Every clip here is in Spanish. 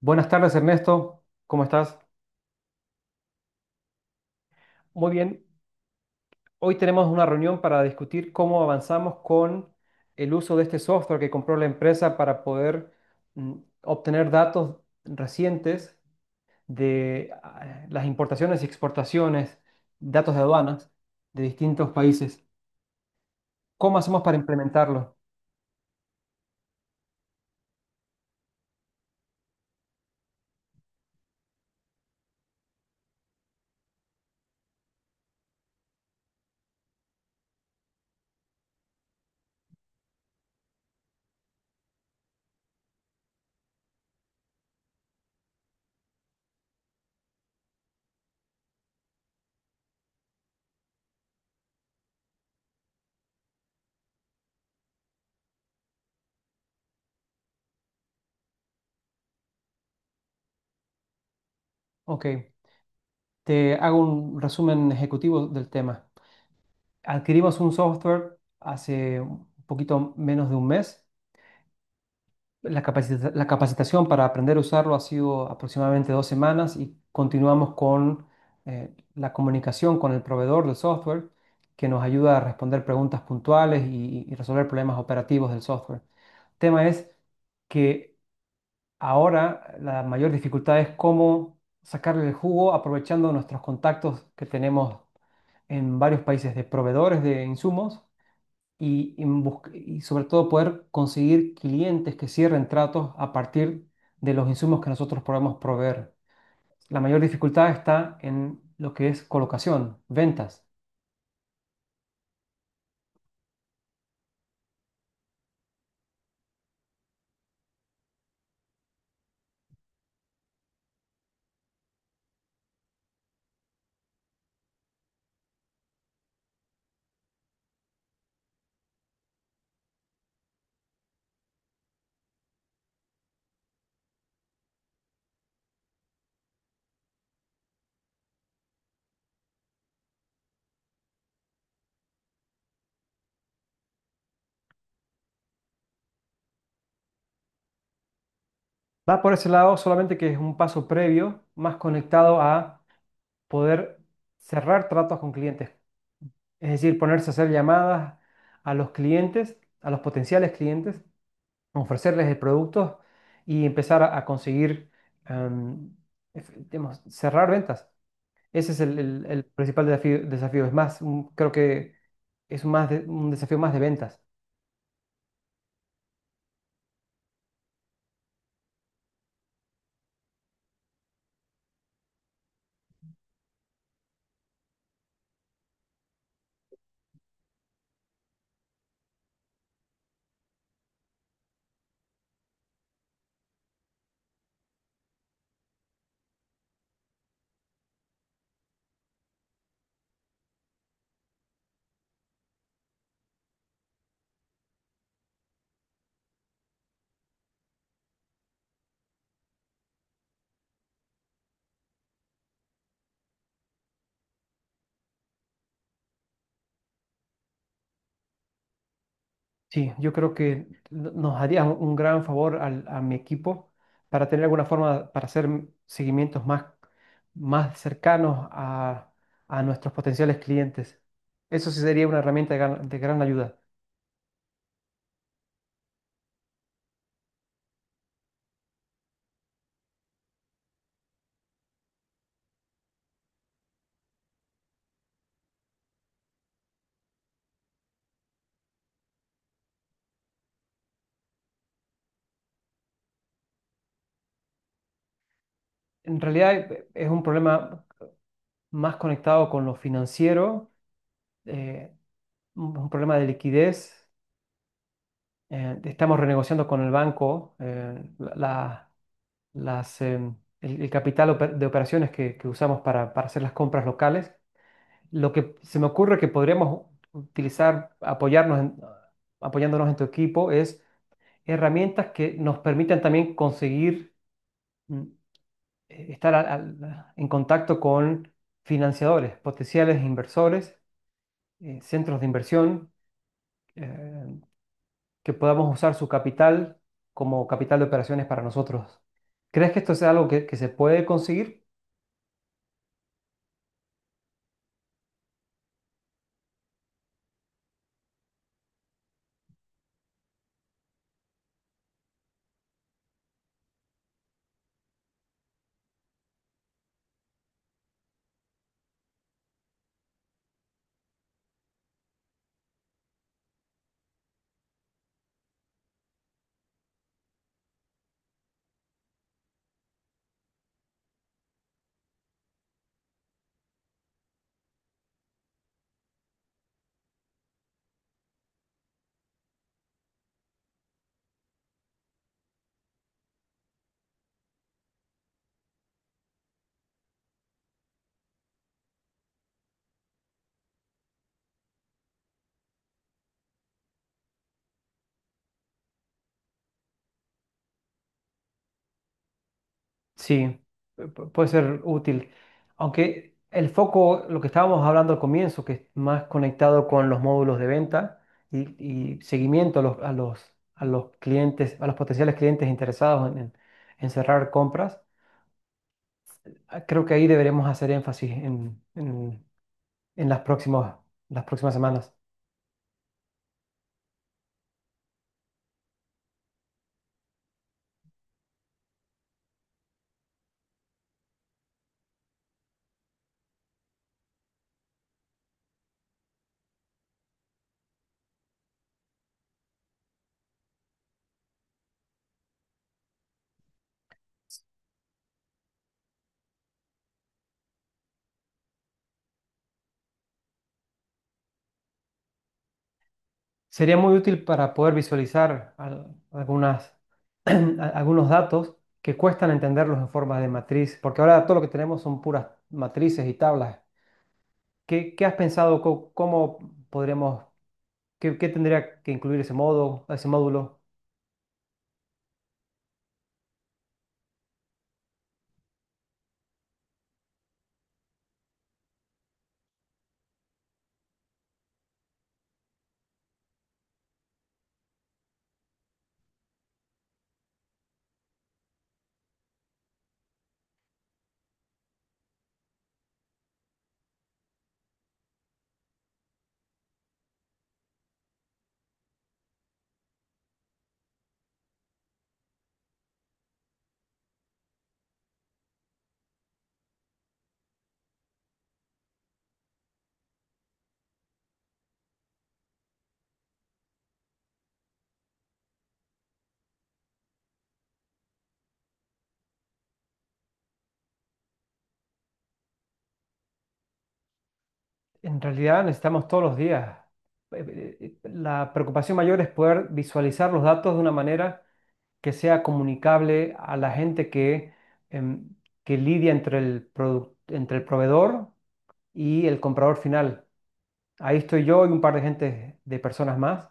Buenas tardes, Ernesto. ¿Cómo estás? Muy bien. Hoy tenemos una reunión para discutir cómo avanzamos con el uso de este software que compró la empresa para poder mm, obtener datos recientes de las importaciones y exportaciones, datos de aduanas de distintos países. ¿Cómo hacemos para implementarlo? Ok, te hago un resumen ejecutivo del tema. Adquirimos un software hace un poquito menos de un mes. La capacitación para aprender a usarlo ha sido aproximadamente dos semanas y continuamos con la comunicación con el proveedor del software que nos ayuda a responder preguntas puntuales y resolver problemas operativos del software. El tema es que ahora la mayor dificultad es cómo sacarle el jugo aprovechando nuestros contactos que tenemos en varios países de proveedores de insumos y sobre todo poder conseguir clientes que cierren tratos a partir de los insumos que nosotros podemos proveer. La mayor dificultad está en lo que es colocación, ventas. Va por ese lado, solamente que es un paso previo, más conectado a poder cerrar tratos con clientes. Es decir, ponerse a hacer llamadas a los clientes, a los potenciales clientes, ofrecerles el producto y empezar a conseguir, em, digamos, cerrar ventas. Ese es el principal desafío, desafío. Es más, creo que es más de un desafío más de ventas. Sí, yo creo que nos haría un gran favor a mi equipo para tener alguna forma para hacer seguimientos más, más cercanos a nuestros potenciales clientes. Eso sí sería una herramienta de gran ayuda. En realidad es un problema más conectado con lo financiero, eh, un problema de liquidez. Estamos renegociando con el banco, las, el capital de operaciones que usamos para hacer las compras locales. Lo que se me ocurre que podríamos utilizar, apoyándonos en tu equipo, es herramientas que nos permitan también conseguir mm, estar en contacto con financiadores, potenciales inversores, centros de inversión. eh, que podamos usar su capital como capital de operaciones para nosotros. ¿Crees que esto sea algo que se puede conseguir? Sí, puede ser útil. Aunque el foco, lo que estábamos hablando al comienzo, que es más conectado con los módulos de venta y, y seguimiento a los, a los, a los clientes, a los potenciales clientes interesados en, en cerrar compras, ah, creo que ahí deberemos hacer énfasis en, en las próximas semanas. Sería muy útil para poder visualizar algunas, algunos datos que cuestan entenderlos en forma de matriz, porque ahora todo lo que tenemos son puras matrices y tablas. Qué has pensado? ¿Cómo, podríamos, qué tendría que incluir ese modo, ese módulo? En realidad necesitamos todos los días. La preocupación mayor es poder visualizar los datos de una manera que sea comunicable a la gente em, que lidia entre entre el proveedor y el comprador final. Ahí estoy yo y un par de gente, de personas más,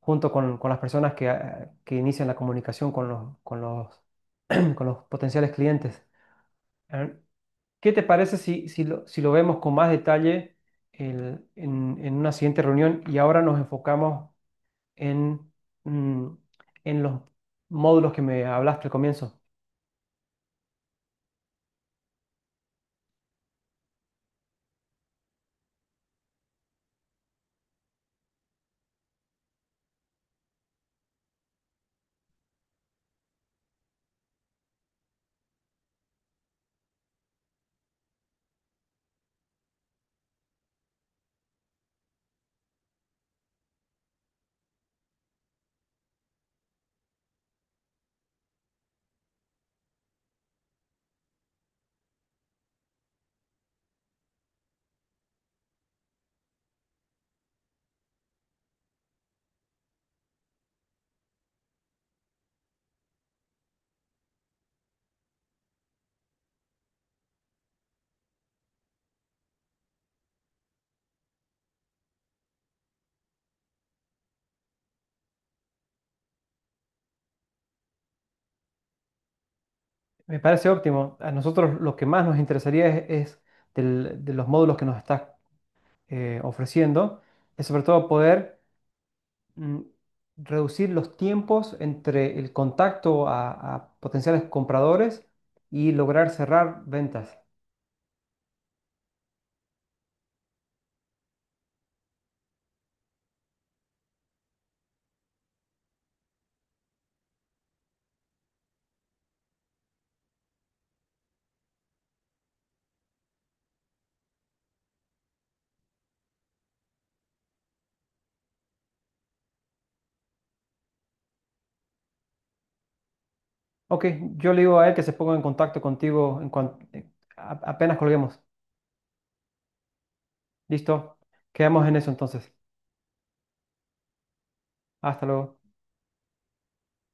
junto con las personas que, ah, que inician la comunicación con los, con los potenciales clientes. Ah, ¿qué te parece si, si lo vemos con más detalle en una siguiente reunión y ahora nos enfocamos en, mm, en los módulos que me hablaste al comienzo? Me parece óptimo. A nosotros lo que más nos interesaría es de los módulos que nos estás ofreciendo, es sobre todo poder mm, reducir los tiempos entre el contacto a potenciales compradores y lograr cerrar ventas. Ok, yo le digo a él que se ponga en contacto contigo en apenas colguemos. Listo, quedamos en eso entonces. Hasta luego.